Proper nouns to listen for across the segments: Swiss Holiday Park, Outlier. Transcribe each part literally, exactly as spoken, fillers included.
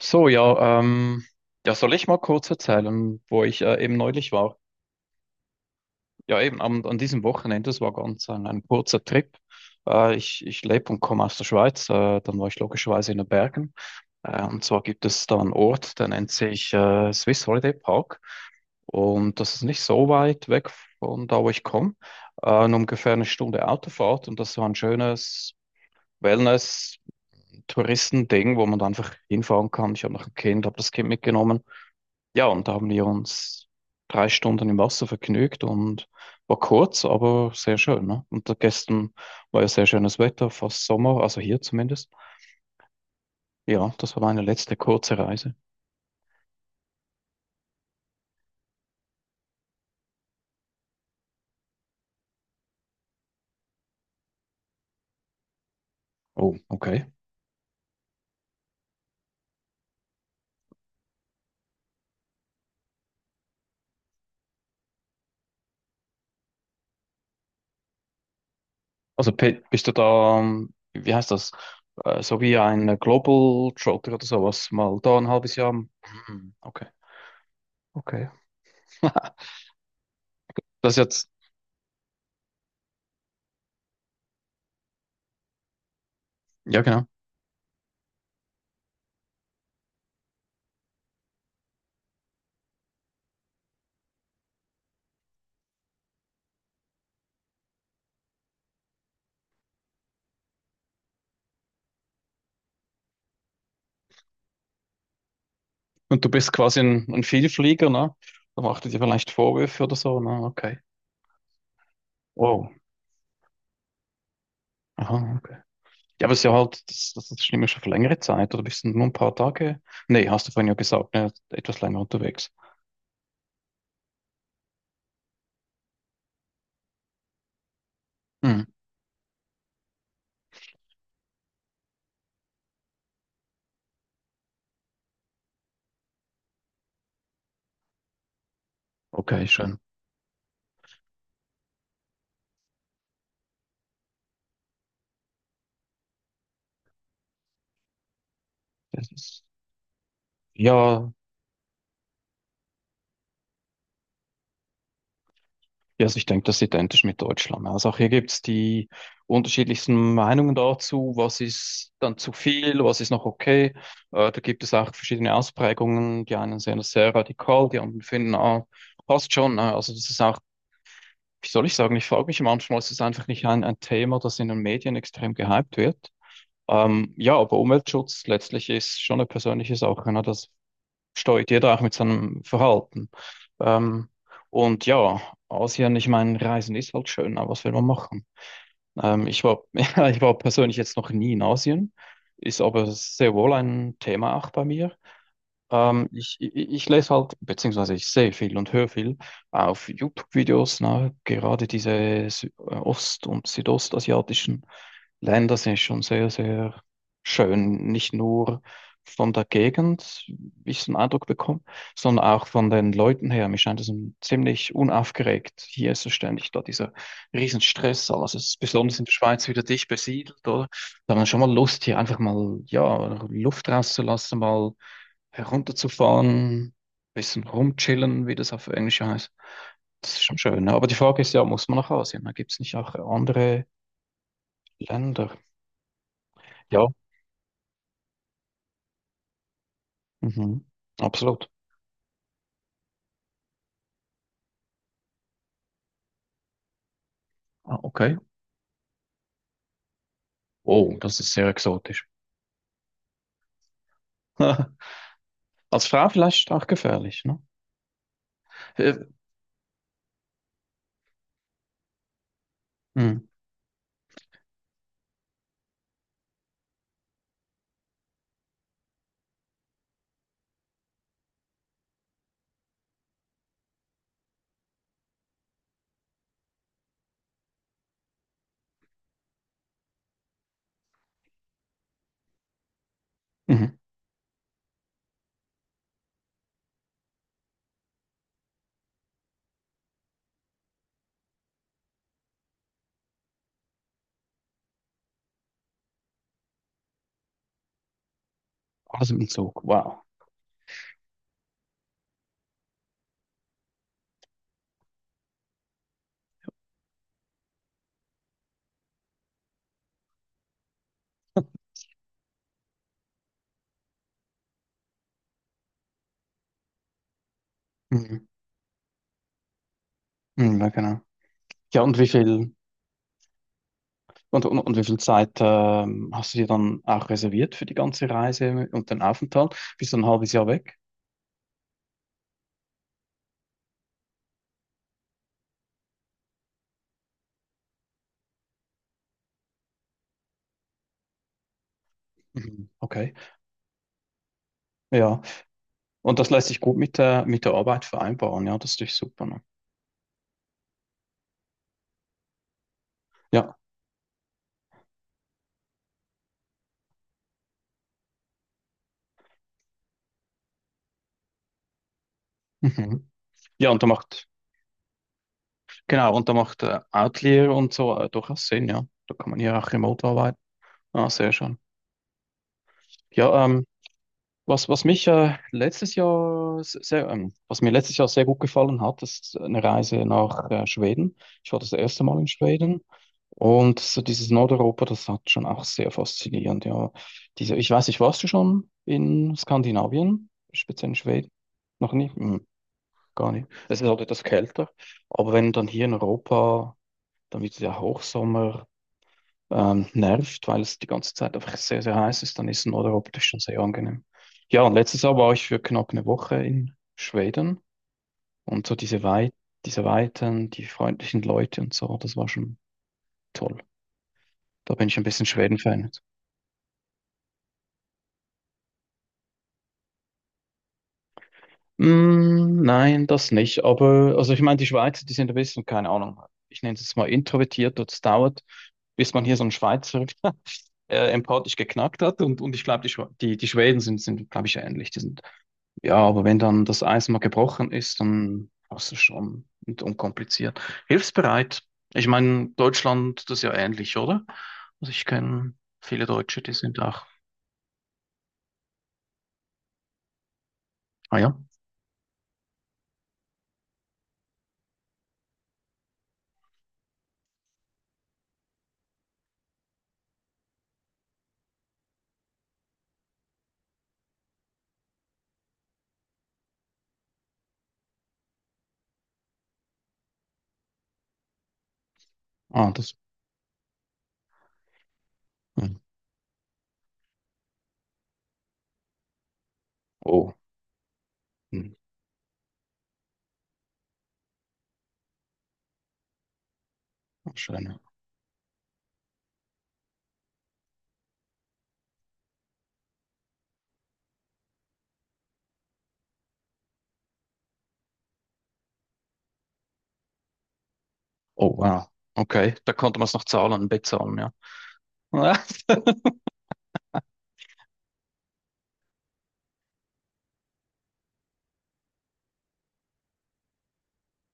So, ja, ähm, ja, soll ich mal kurz erzählen, wo ich äh, eben neulich war? Ja, eben am, an diesem Wochenende, das war ganz ein, ein kurzer Trip. Äh, ich ich lebe und komme aus der Schweiz, äh, dann war ich logischerweise in den Bergen. Äh, und zwar gibt es da einen Ort, der nennt sich äh, Swiss Holiday Park. Und das ist nicht so weit weg von da, wo ich komme. Äh, nur ungefähr eine Stunde Autofahrt und das war ein schönes Wellness-Touristending, wo man da einfach hinfahren kann. Ich habe noch ein Kind, habe das Kind mitgenommen. Ja, und da haben wir uns drei Stunden im Wasser vergnügt und war kurz, aber sehr schön. Ne? Und da gestern war ja sehr schönes Wetter, fast Sommer, also hier zumindest. Ja, das war meine letzte kurze Reise. Oh, okay. Also Pe- bist du da, ähm, wie heißt das? Äh, So wie ein Global Trotter oder sowas, mal da ein halbes Jahr. Hm. Okay, okay. Das jetzt, ja genau. Und du bist quasi ein, ein Vielflieger, ne? Da macht er dir vielleicht Vorwürfe oder so, ne? Okay. Wow. Aha. Ja, aber es ist ja halt, das, das das stimmt ja schon für längere Zeit, oder bist du nur ein paar Tage? Nee, hast du vorhin ja gesagt, ne, etwas länger unterwegs. Hm, okay, schön. Das ist, ja, ja, also ich denke, das ist identisch mit Deutschland. Also auch hier gibt es die unterschiedlichsten Meinungen dazu, was ist dann zu viel, was ist noch okay. Äh, da gibt es auch verschiedene Ausprägungen. Die einen sehen das sehr radikal, die anderen finden, ah, passt schon, ne? Also das ist auch, wie soll ich sagen, ich frage mich manchmal, ist es einfach nicht ein, ein Thema, das in den Medien extrem gehypt wird. Ähm, ja, aber Umweltschutz letztlich ist schon eine persönliche Sache. Ne? Das steuert jeder auch mit seinem Verhalten. Ähm, und ja, Asien, ich meine, Reisen ist halt schön, aber was will man machen? Ähm, ich war, ja, ich war persönlich jetzt noch nie in Asien, ist aber sehr wohl ein Thema auch bei mir. Ähm, ich, ich, ich lese halt, beziehungsweise ich sehe viel und höre viel auf YouTube-Videos, ne? Gerade diese Sü- äh, ost- und südostasiatischen Länder sind schon sehr, sehr schön. Nicht nur von der Gegend, wie ich so einen Eindruck bekomme, sondern auch von den Leuten her. Mir scheint es ein ziemlich unaufgeregt. Hier ist es ständig da dieser Riesenstress. Alles ist besonders in der Schweiz wieder dicht besiedelt, oder? Da hat man schon mal Lust, hier einfach mal, ja, Luft rauszulassen, mal herunterzufahren, bisschen rumchillen, wie das auf Englisch heißt. Das ist schon schön, ne? Aber die Frage ist ja, muss man nach Asien? Da gibt es nicht auch andere Länder? Ja, mhm. Absolut. Ah, okay. Oh, das ist sehr exotisch. Als Frau vielleicht auch gefährlich, ne? Äh, Mhm. Mhm. Alles im Zug. Wow. Mhm. Mhm, ja, genau. Ja, und wie viel und, und, und wie viel Zeit ähm, hast du dir dann auch reserviert für die ganze Reise und den Aufenthalt? Bist du ein halbes Jahr weg? Mhm. Okay. Ja. Und das lässt sich gut mit der, mit der Arbeit vereinbaren, ja, das ist natürlich super, ne? Ja. Mhm. Ja, und da macht, genau, und da macht äh, Outlier und so äh, durchaus Sinn, ja. Da kann man hier auch remote arbeiten. Ah, sehr schön. Ja, ähm, Was, was mich äh, letztes Jahr s- sehr, ähm, was mir letztes Jahr sehr gut gefallen hat, ist eine Reise nach äh, Schweden. Ich war das erste Mal in Schweden und so dieses Nordeuropa, das hat schon auch sehr faszinierend. Ja, diese, ich weiß nicht, warst du schon in Skandinavien, speziell in Schweden? Noch nie? Hm, gar nicht. Es ist halt etwas kälter, aber wenn dann hier in Europa, dann wird es ja Hochsommer ähm, nervt, weil es die ganze Zeit einfach sehr, sehr heiß ist, dann ist ein Oder optisch schon sehr angenehm. Ja, und letztes Jahr war ich für knapp eine Woche in Schweden und so diese Weit, diese Weiten, die freundlichen Leute und so, das war schon toll. Da bin ich ein bisschen Schweden-Fan. Mm, nein, das nicht. Aber, also ich meine, die Schweizer, die sind ein bisschen, keine Ahnung, ich nenne es jetzt mal introvertiert, das dauert, bis man hier so einen Schweizer äh, empathisch geknackt hat. Und, und ich glaube, die, Schwe- die, die Schweden sind, sind glaube ich, ähnlich. Die sind. Ja, aber wenn dann das Eis mal gebrochen ist, dann hast du schon und unkompliziert. Hilfsbereit. Ich meine, Deutschland, das ist ja ähnlich, oder? Also ich kenne viele Deutsche, die sind auch. Ah ja. Ah, das. Hm. Oh, hm. Schön. Oh, wow. Okay, da konnte man es noch zahlen, bezahlen, ja.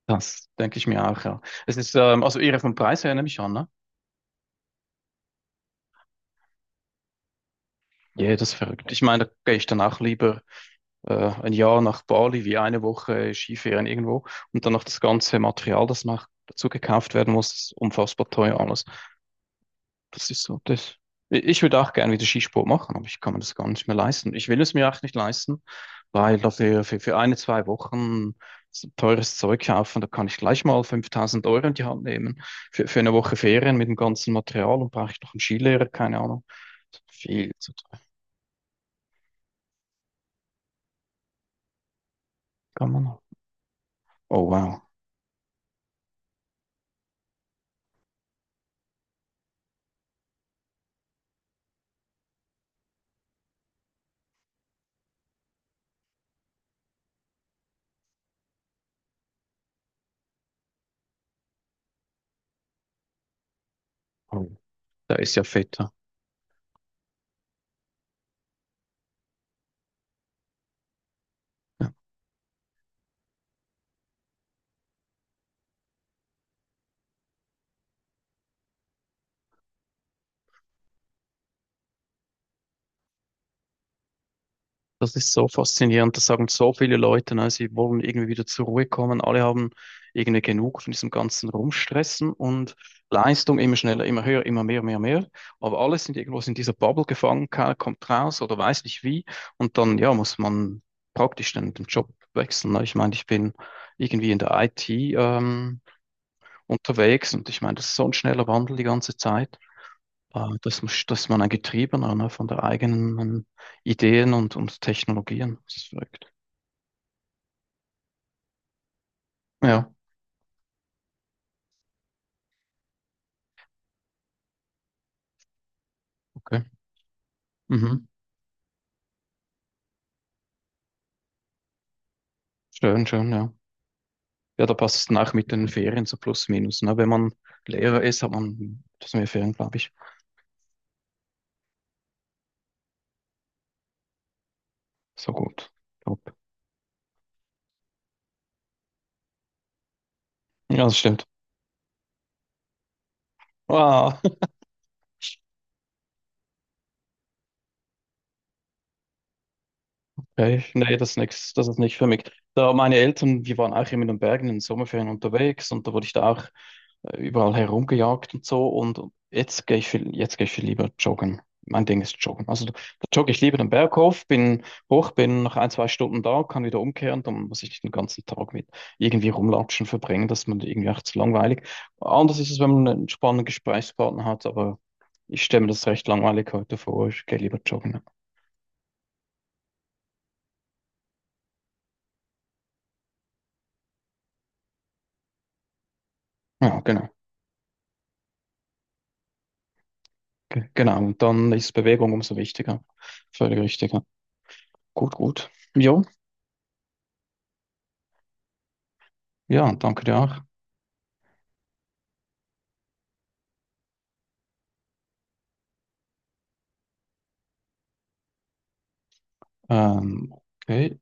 Das denke ich mir auch, ja. Es ist, ähm, also ihre vom Preis her nehme ich an, ne? Ja, das ist verrückt. Ich meine, da gehe ich dann auch lieber äh, ein Jahr nach Bali, wie eine Woche Skifahren irgendwo und dann noch das ganze Material, das noch dazu gekauft werden muss, ist unfassbar teuer alles. Das ist so, das. Ich würde auch gerne wieder Skisport machen, aber ich kann mir das gar nicht mehr leisten. Ich will es mir auch nicht leisten, weil dafür für, für eine, zwei Wochen so teures Zeug kaufen, da kann ich gleich mal fünftausend Euro in die Hand nehmen. Für, für eine Woche Ferien mit dem ganzen Material und brauche ich noch einen Skilehrer, keine Ahnung. Viel zu teuer. Kann man noch. Oh wow. Oh, da ist ja fett. Das ist so faszinierend, das sagen so viele Leute, ne? Sie wollen irgendwie wieder zur Ruhe kommen. Alle haben irgendwie genug von diesem ganzen Rumstressen und Leistung immer schneller, immer höher, immer mehr, mehr, mehr. Aber alle sind irgendwo in dieser Bubble gefangen, keiner kommt raus oder weiß nicht wie. Und dann, ja, muss man praktisch den, den Job wechseln. Ne? Ich meine, ich bin irgendwie in der I T ähm, unterwegs und ich meine, das ist so ein schneller Wandel die ganze Zeit. Äh, dass man, dass man ein Getriebener, ne, von der eigenen ähm, Ideen und, und Technologien. Das ist verrückt. Ja, okay. Mhm. Schön, schön, ja. Ja, da passt es nach mit den Ferien so plus minus. Ne? Wenn man Lehrer ist, hat man das mehr Ferien, glaube ich. So gut. Top. Ja, das stimmt. Wow. Okay, nee, das ist nix, das ist nicht für mich. Da meine Eltern, wir waren auch immer in den Bergen in den Sommerferien unterwegs und da wurde ich da auch äh, überall herumgejagt und so. Und jetzt gehe ich viel, jetzt gehe ich viel lieber joggen. Mein Ding ist joggen. Also da jogge ich lieber den Berg hoch, bin hoch, bin nach ein, zwei Stunden da, kann wieder umkehren, dann muss ich nicht den ganzen Tag mit irgendwie rumlatschen verbringen, das ist mir irgendwie auch zu langweilig. Anders ist es, wenn man einen spannenden Gesprächspartner hat, aber ich stelle mir das recht langweilig heute vor, ich gehe lieber joggen. Ja, genau. Ge- Genau, und dann ist Bewegung umso wichtiger. Völlig richtig, ja. Gut, gut. Jo, ja, danke dir auch. Ähm, okay.